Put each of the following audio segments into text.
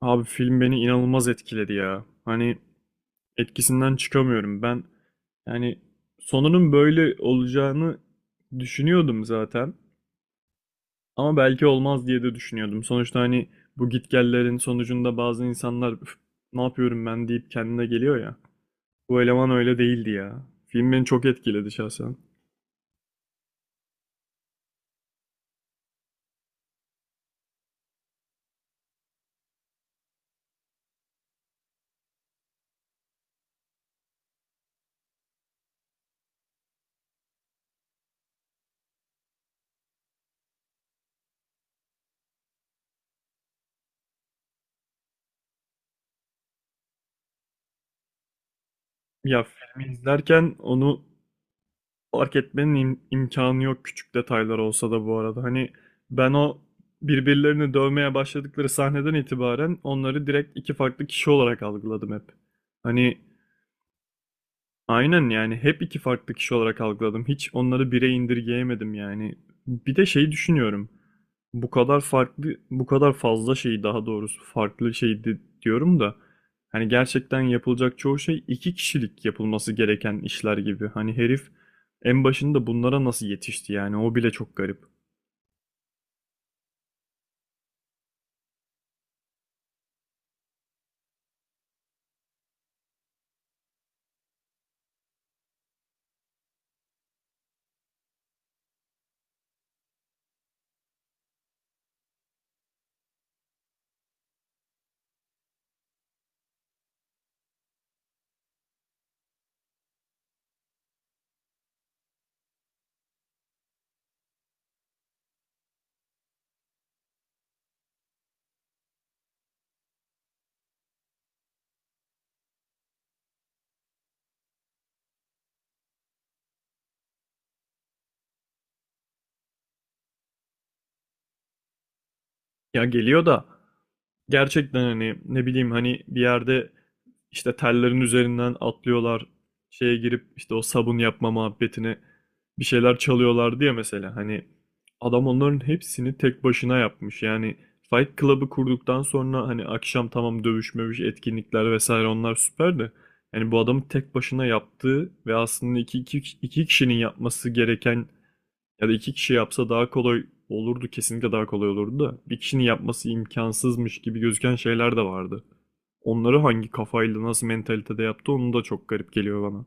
Abi film beni inanılmaz etkiledi ya. Hani etkisinden çıkamıyorum. Ben yani sonunun böyle olacağını düşünüyordum zaten. Ama belki olmaz diye de düşünüyordum. Sonuçta hani bu gitgellerin sonucunda bazı insanlar "Üf, ne yapıyorum ben deyip kendine geliyor ya. Bu eleman öyle değildi ya. Film beni çok etkiledi şahsen. Ya filmi izlerken onu fark etmenin imkanı yok küçük detaylar olsa da bu arada. Hani ben o birbirlerini dövmeye başladıkları sahneden itibaren onları direkt iki farklı kişi olarak algıladım hep. Hani aynen yani hep iki farklı kişi olarak algıladım. Hiç onları bire indirgeyemedim yani. Bir de şey düşünüyorum. Bu kadar farklı, bu kadar fazla şeyi daha doğrusu farklı diyorum da hani gerçekten yapılacak çoğu şey iki kişilik yapılması gereken işler gibi. Hani herif en başında bunlara nasıl yetişti yani o bile çok garip. Ya geliyor da gerçekten hani ne bileyim hani bir yerde işte tellerin üzerinden atlıyorlar şeye girip işte o sabun yapma muhabbetine bir şeyler çalıyorlar diye mesela hani adam onların hepsini tek başına yapmış yani Fight Club'ı kurduktan sonra hani akşam tamam dövüş mövüş etkinlikler vesaire onlar süper de yani bu adamın tek başına yaptığı ve aslında iki kişinin yapması gereken ya da iki kişi yapsa daha kolay olurdu, kesinlikle daha kolay olurdu da bir kişinin yapması imkansızmış gibi gözüken şeyler de vardı. Onları hangi kafayla, nasıl mentalitede yaptı onu da çok garip geliyor bana.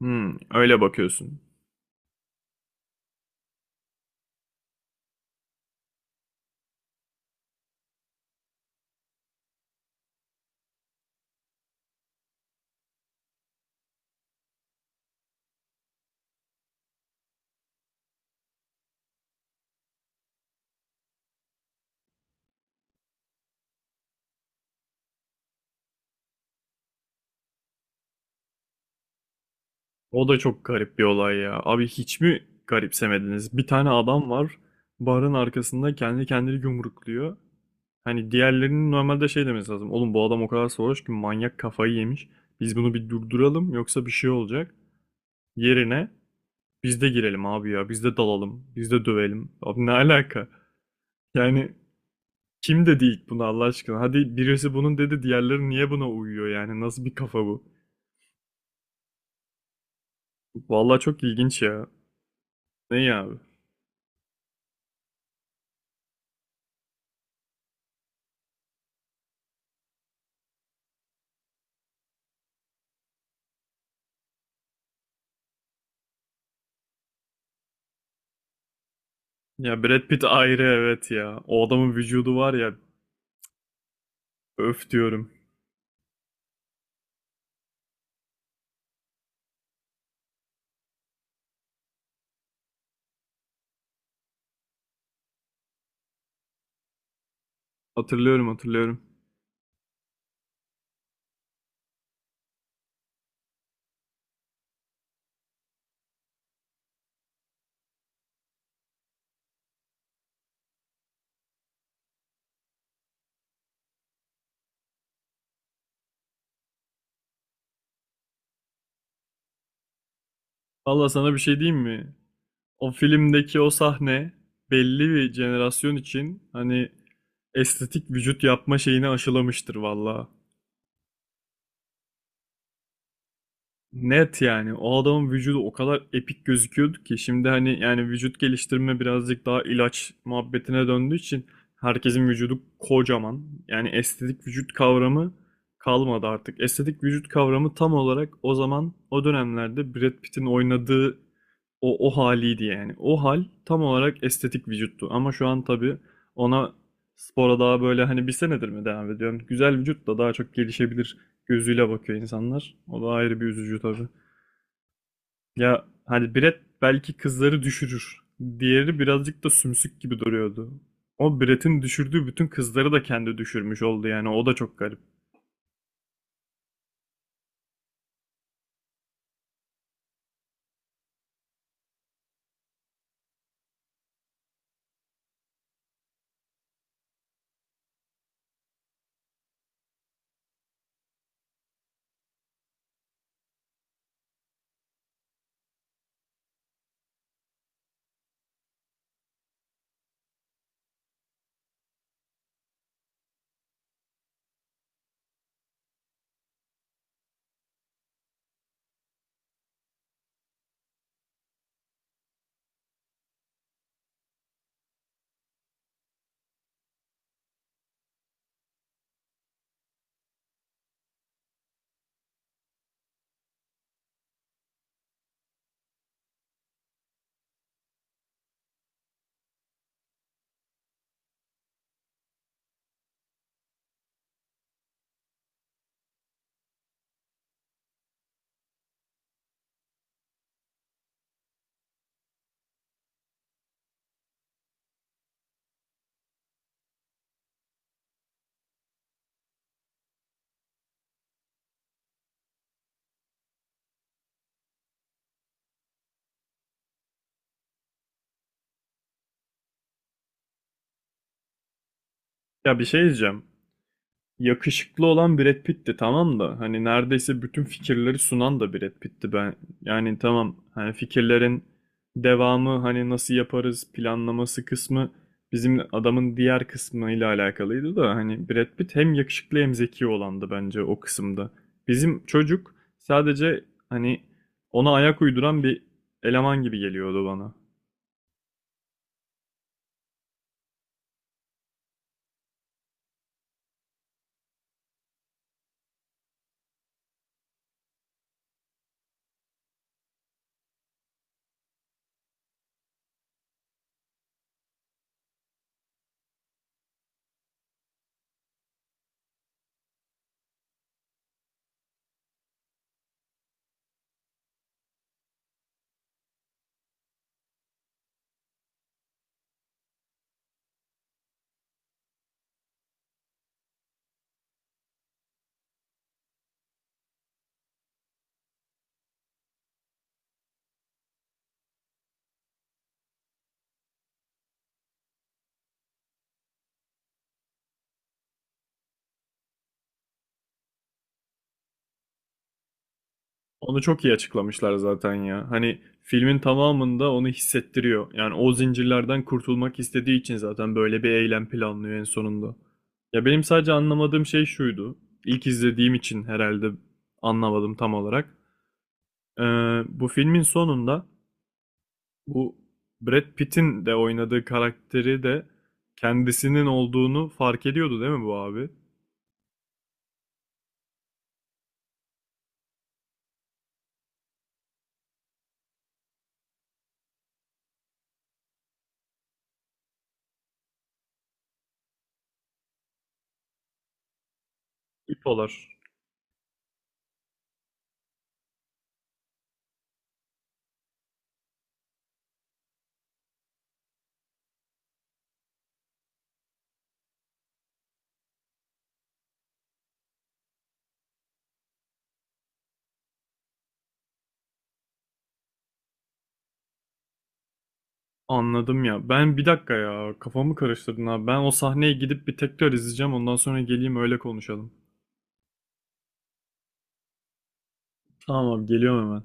Hmm, öyle bakıyorsun. O da çok garip bir olay ya. Abi hiç mi garipsemediniz? Bir tane adam var, barın arkasında kendi kendini yumrukluyor. Hani diğerlerinin normalde şey demesi lazım. Oğlum bu adam o kadar sarhoş ki manyak kafayı yemiş. Biz bunu bir durduralım yoksa bir şey olacak. Yerine biz de girelim abi ya. Biz de dalalım. Biz de dövelim. Abi ne alaka? Yani kim dedi ilk bunu Allah aşkına? Hadi birisi bunun dedi diğerleri niye buna uyuyor yani? Nasıl bir kafa bu? Vallahi çok ilginç ya. Ne ya abi? Ya Brad Pitt ayrı evet ya. O adamın vücudu var ya. Öf diyorum. Hatırlıyorum, hatırlıyorum. Vallahi sana bir şey diyeyim mi? O filmdeki o sahne belli bir jenerasyon için hani estetik vücut yapma şeyini aşılamıştır vallahi. Net yani. O adamın vücudu o kadar epik gözüküyordu ki şimdi hani yani vücut geliştirme birazcık daha ilaç muhabbetine döndüğü için herkesin vücudu kocaman. Yani estetik vücut kavramı kalmadı artık. Estetik vücut kavramı tam olarak o zaman o dönemlerde Brad Pitt'in oynadığı o haliydi yani. O hal tam olarak estetik vücuttu. Ama şu an tabii ona spora daha böyle hani bir senedir mi devam ediyorum? Güzel vücut da daha çok gelişebilir gözüyle bakıyor insanlar. O da ayrı bir üzücü tabii. Ya hani Brett belki kızları düşürür. Diğeri birazcık da sümsük gibi duruyordu. O Brett'in düşürdüğü bütün kızları da kendi düşürmüş oldu yani. O da çok garip. Ya bir şey diyeceğim. Yakışıklı olan Brad Pitt'ti tamam da hani neredeyse bütün fikirleri sunan da Brad Pitt'ti ben yani tamam hani fikirlerin devamı hani nasıl yaparız planlaması kısmı bizim adamın diğer kısmıyla alakalıydı da hani Brad Pitt hem yakışıklı hem zeki olandı bence o kısımda. Bizim çocuk sadece hani ona ayak uyduran bir eleman gibi geliyordu bana. Onu çok iyi açıklamışlar zaten ya. Hani filmin tamamında onu hissettiriyor. Yani o zincirlerden kurtulmak istediği için zaten böyle bir eylem planlıyor en sonunda. Ya benim sadece anlamadığım şey şuydu. İlk izlediğim için herhalde anlamadım tam olarak. Ee, Bu filmin sonunda bu Brad Pitt'in de oynadığı karakteri de kendisinin olduğunu fark ediyordu değil mi bu abi? İpolar. Anladım ya. Ben bir dakika ya kafamı karıştırdın abi. Ben o sahneye gidip bir tekrar izleyeceğim. Ondan sonra geleyim öyle konuşalım. Tamam abi geliyorum hemen.